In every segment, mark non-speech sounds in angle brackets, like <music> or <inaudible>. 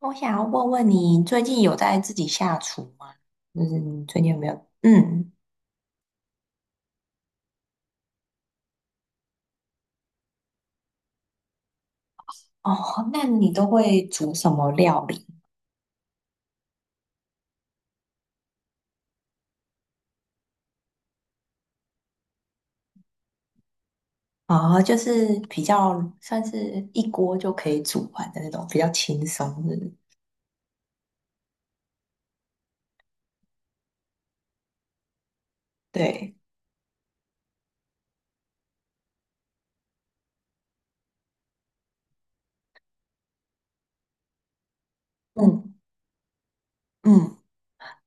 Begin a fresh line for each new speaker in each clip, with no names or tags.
我想要问问你，最近有在自己下厨吗？就是你最近有没有？嗯，哦，那你都会煮什么料理？哦，就是比较算是一锅就可以煮完的那种，比较轻松的。对，嗯嗯，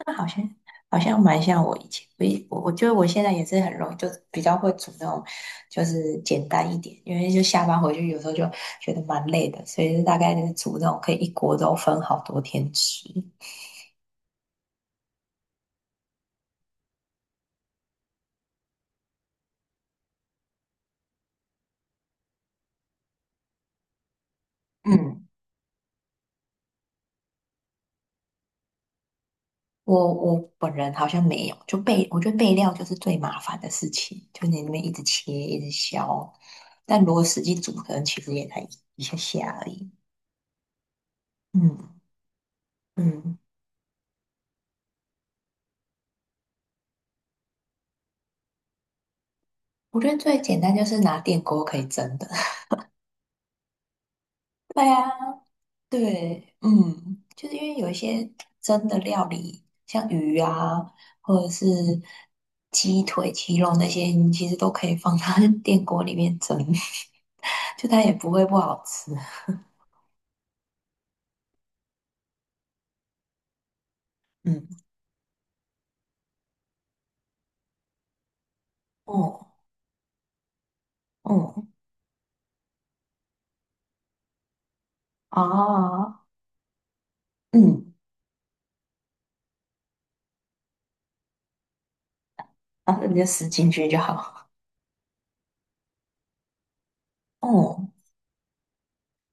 那好像蛮像我以前，我觉得我现在也是很容易，就比较会煮那种，就是简单一点，因为就下班回去有时候就觉得蛮累的，所以就大概就是煮那种可以一锅都分好多天吃。嗯，我本人好像没有，我觉得备料就是最麻烦的事情，就你那边一直切，一直削，但如果实际煮，可能其实也才一下下而已。嗯嗯，我觉得最简单就是拿电锅可以蒸的。<laughs> 对啊，对，嗯，就是因为有一些蒸的料理，像鱼啊，或者是鸡腿、鸡肉那些，你其实都可以放到 <laughs> 电锅里面蒸，<laughs> 就它也不会不好吃。嗯，哦，哦。啊，嗯，然正你就死进去就好。哦，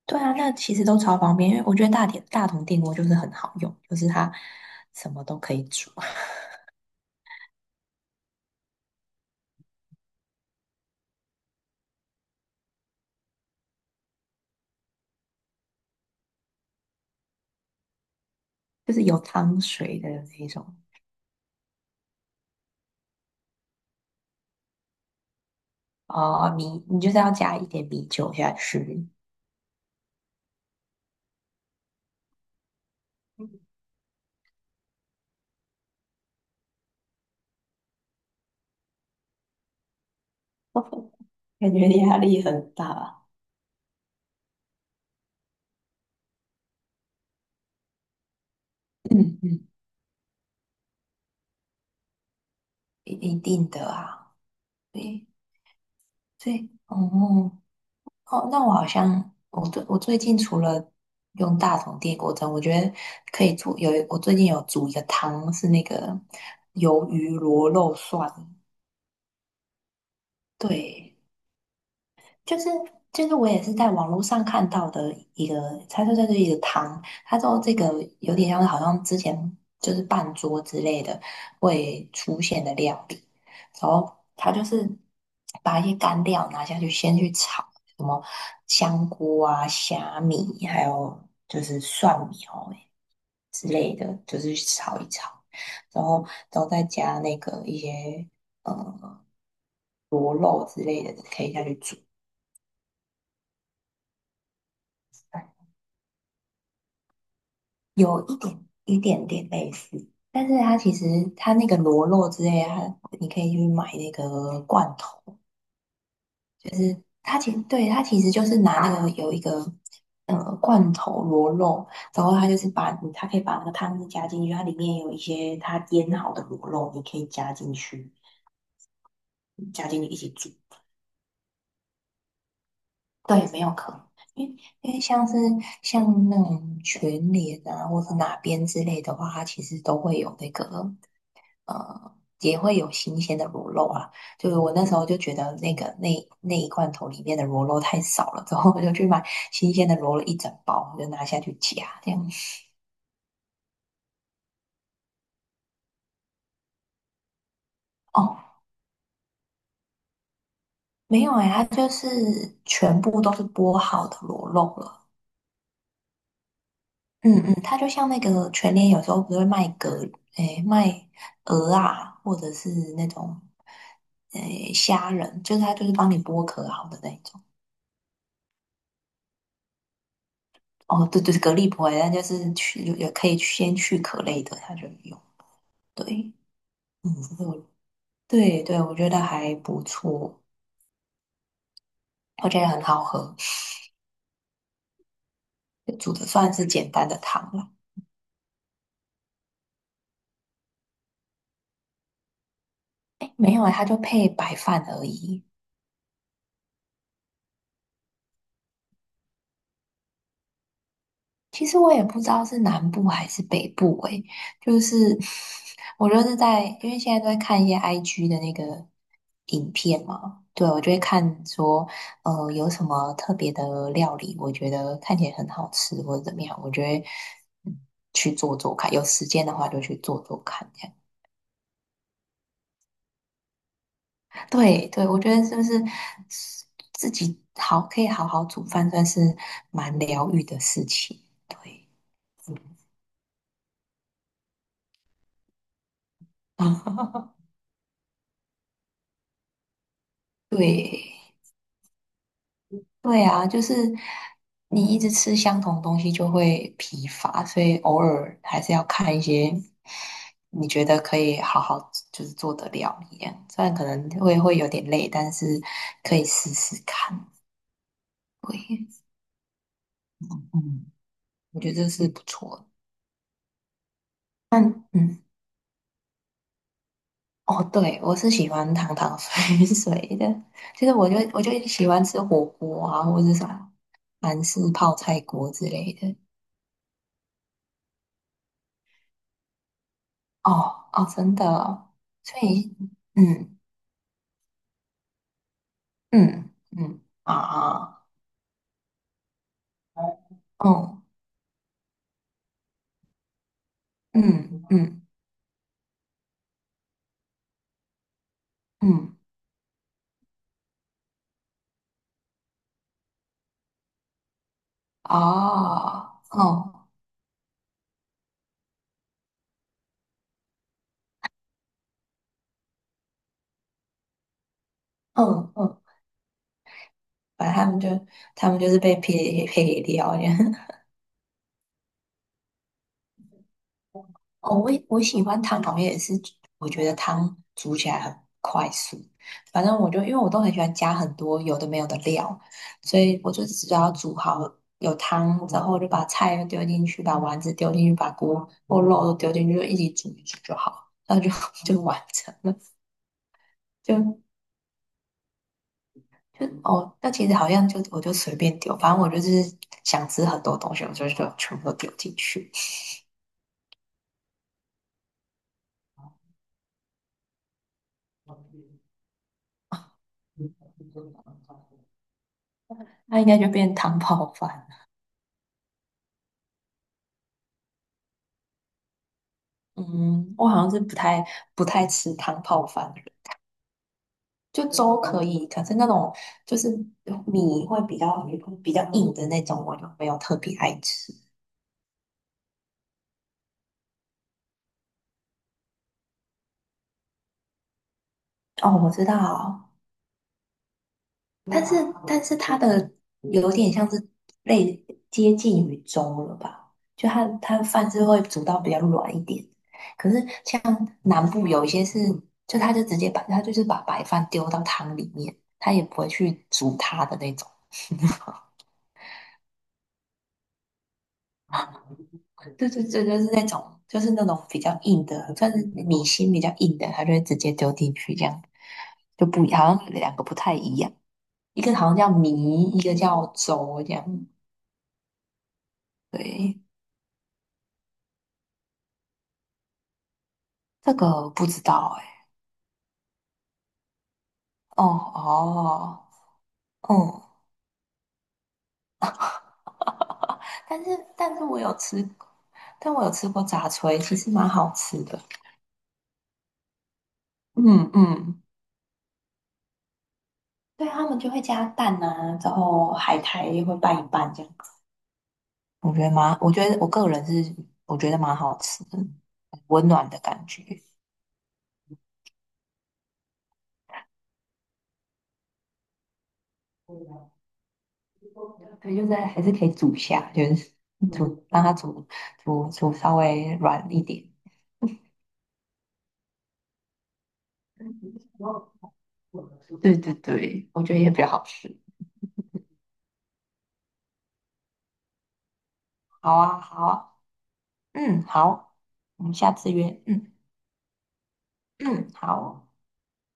对啊，那其实都超方便，因为我觉得大同电锅就是很好用，就是它什么都可以煮，<laughs> 就是有汤水的那一种。哦，你就是要加一点米酒下去，感觉压力很大。嗯嗯，一定的啊，对对，哦，哦，那我好像我最近除了用大同电锅蒸，我觉得可以做有我最近有煮一个汤，是那个鱿鱼螺肉蒜，对，就是就是我也是在网络上看到的一个，他说就是一个汤，他说这个有点像是好像之前就是半桌之类的会出现的料理，然后他就是把一些干料拿下去先去炒，什么香菇啊、虾米，还有就是蒜苗之类的，就是炒一炒，然后然后再加那个一些呃螺肉之类的可以下去煮。有一点点类似，但是它其实它那个螺肉之类的它你可以去买那个罐头，它其实就是拿那个有一个罐头螺肉，然后它就是把它可以把那个汤汁加进去，它里面有一些它腌好的螺肉，你可以加进去，加进去一起煮，对，没有壳，因为因为像是像那种全脸啊，或是哪边之类的话，它其实都会有那个呃，也会有新鲜的螺肉啊。就是我那时候就觉得那一罐头里面的螺肉太少了，之后我就去买新鲜的螺肉一整包，我就拿下去夹这样。哦，没有哎、它就是全部都是剥好的螺肉了。嗯嗯，它就像那个全联，有时候不是会卖蛤，诶，卖鹅啊，或者是那种虾仁，就是它就是帮你剥壳好的那一种。哦，对对，蛤蜊不会，但就是去也可以先去壳类的，它就有。对，嗯，这是我对对，我觉得还不错，我觉得很好喝，煮的算是简单的汤了。诶，没有啊，它就配白饭而已。其实我也不知道是南部还是北部诶，就是 <laughs> 我就是在，因为现在都在看一些 IG 的那个影片嘛，对，我就会看说，有什么特别的料理，我觉得看起来很好吃或者怎么样，我就得嗯去做做看，有时间的话就去做做看，这样。对对，我觉得是不是自己好可以好好煮饭，算是蛮疗愈的事情，对，嗯，<laughs> 对。对啊，就是你一直吃相同东西就会疲乏，所以偶尔还是要看一些你觉得可以好好就是做的料理啊，虽然可能会有点累，但是可以试试看。对，嗯，我觉得这是不错的。嗯，哦，对，我是喜欢汤汤水 <laughs> 水的，其实我就喜欢吃火锅啊，或者是啥韩式泡菜锅之类的。哦哦，真的哦，所以。嗯，嗯嗯啊啊，哦嗯嗯嗯哦哦嗯嗯，反正他们就是被配给料这样。<laughs> 哦，我喜欢汤好像也是，我觉得汤煮起来很快速。反正我就因为我都很喜欢加很多有的没有的料，所以我就只要煮好有汤然后，我就把菜丢进去，把丸子丢进去，把锅或肉都丢进去，就一起煮一煮就好，那就 <laughs> 就完成了。就。就哦，那其实好像就我就随便丢，反正我就是想吃很多东西，我就全部都丢进去，那应该就变汤泡饭了嗯，我好像是不太吃汤泡饭的人，就粥可以，可是那种就是米会比较硬的那种，我就没有特别爱吃。哦，我知道，但是但是它的有点像是类接近于粥了吧？就它的饭是会煮到比较软一点，可是像南部有一些是，就它就直接就是把白饭丢到汤里面，它也不会去煮它的那种。<laughs> 对对对，就是那种比较硬的，算是米心比较硬的，它就会直接丢进去，这样就不好像两个不太一样，一个好像叫米，一个叫粥这样。对，这个不知道哎、哦哦，嗯，<laughs> 但是但是我有吃但我有吃过炸炊，其实蛮好吃的。嗯嗯，对，他们就会加蛋啊，之后海苔会拌一拌这样子，我觉得蛮，我觉得我个人是我觉得蛮好吃的，很温暖的感觉。对，就是还是可以煮一下，就是让它煮煮稍微软一点。对对对，我觉得也比较好吃。好啊，好啊，嗯，好，我们下次约，嗯嗯，好。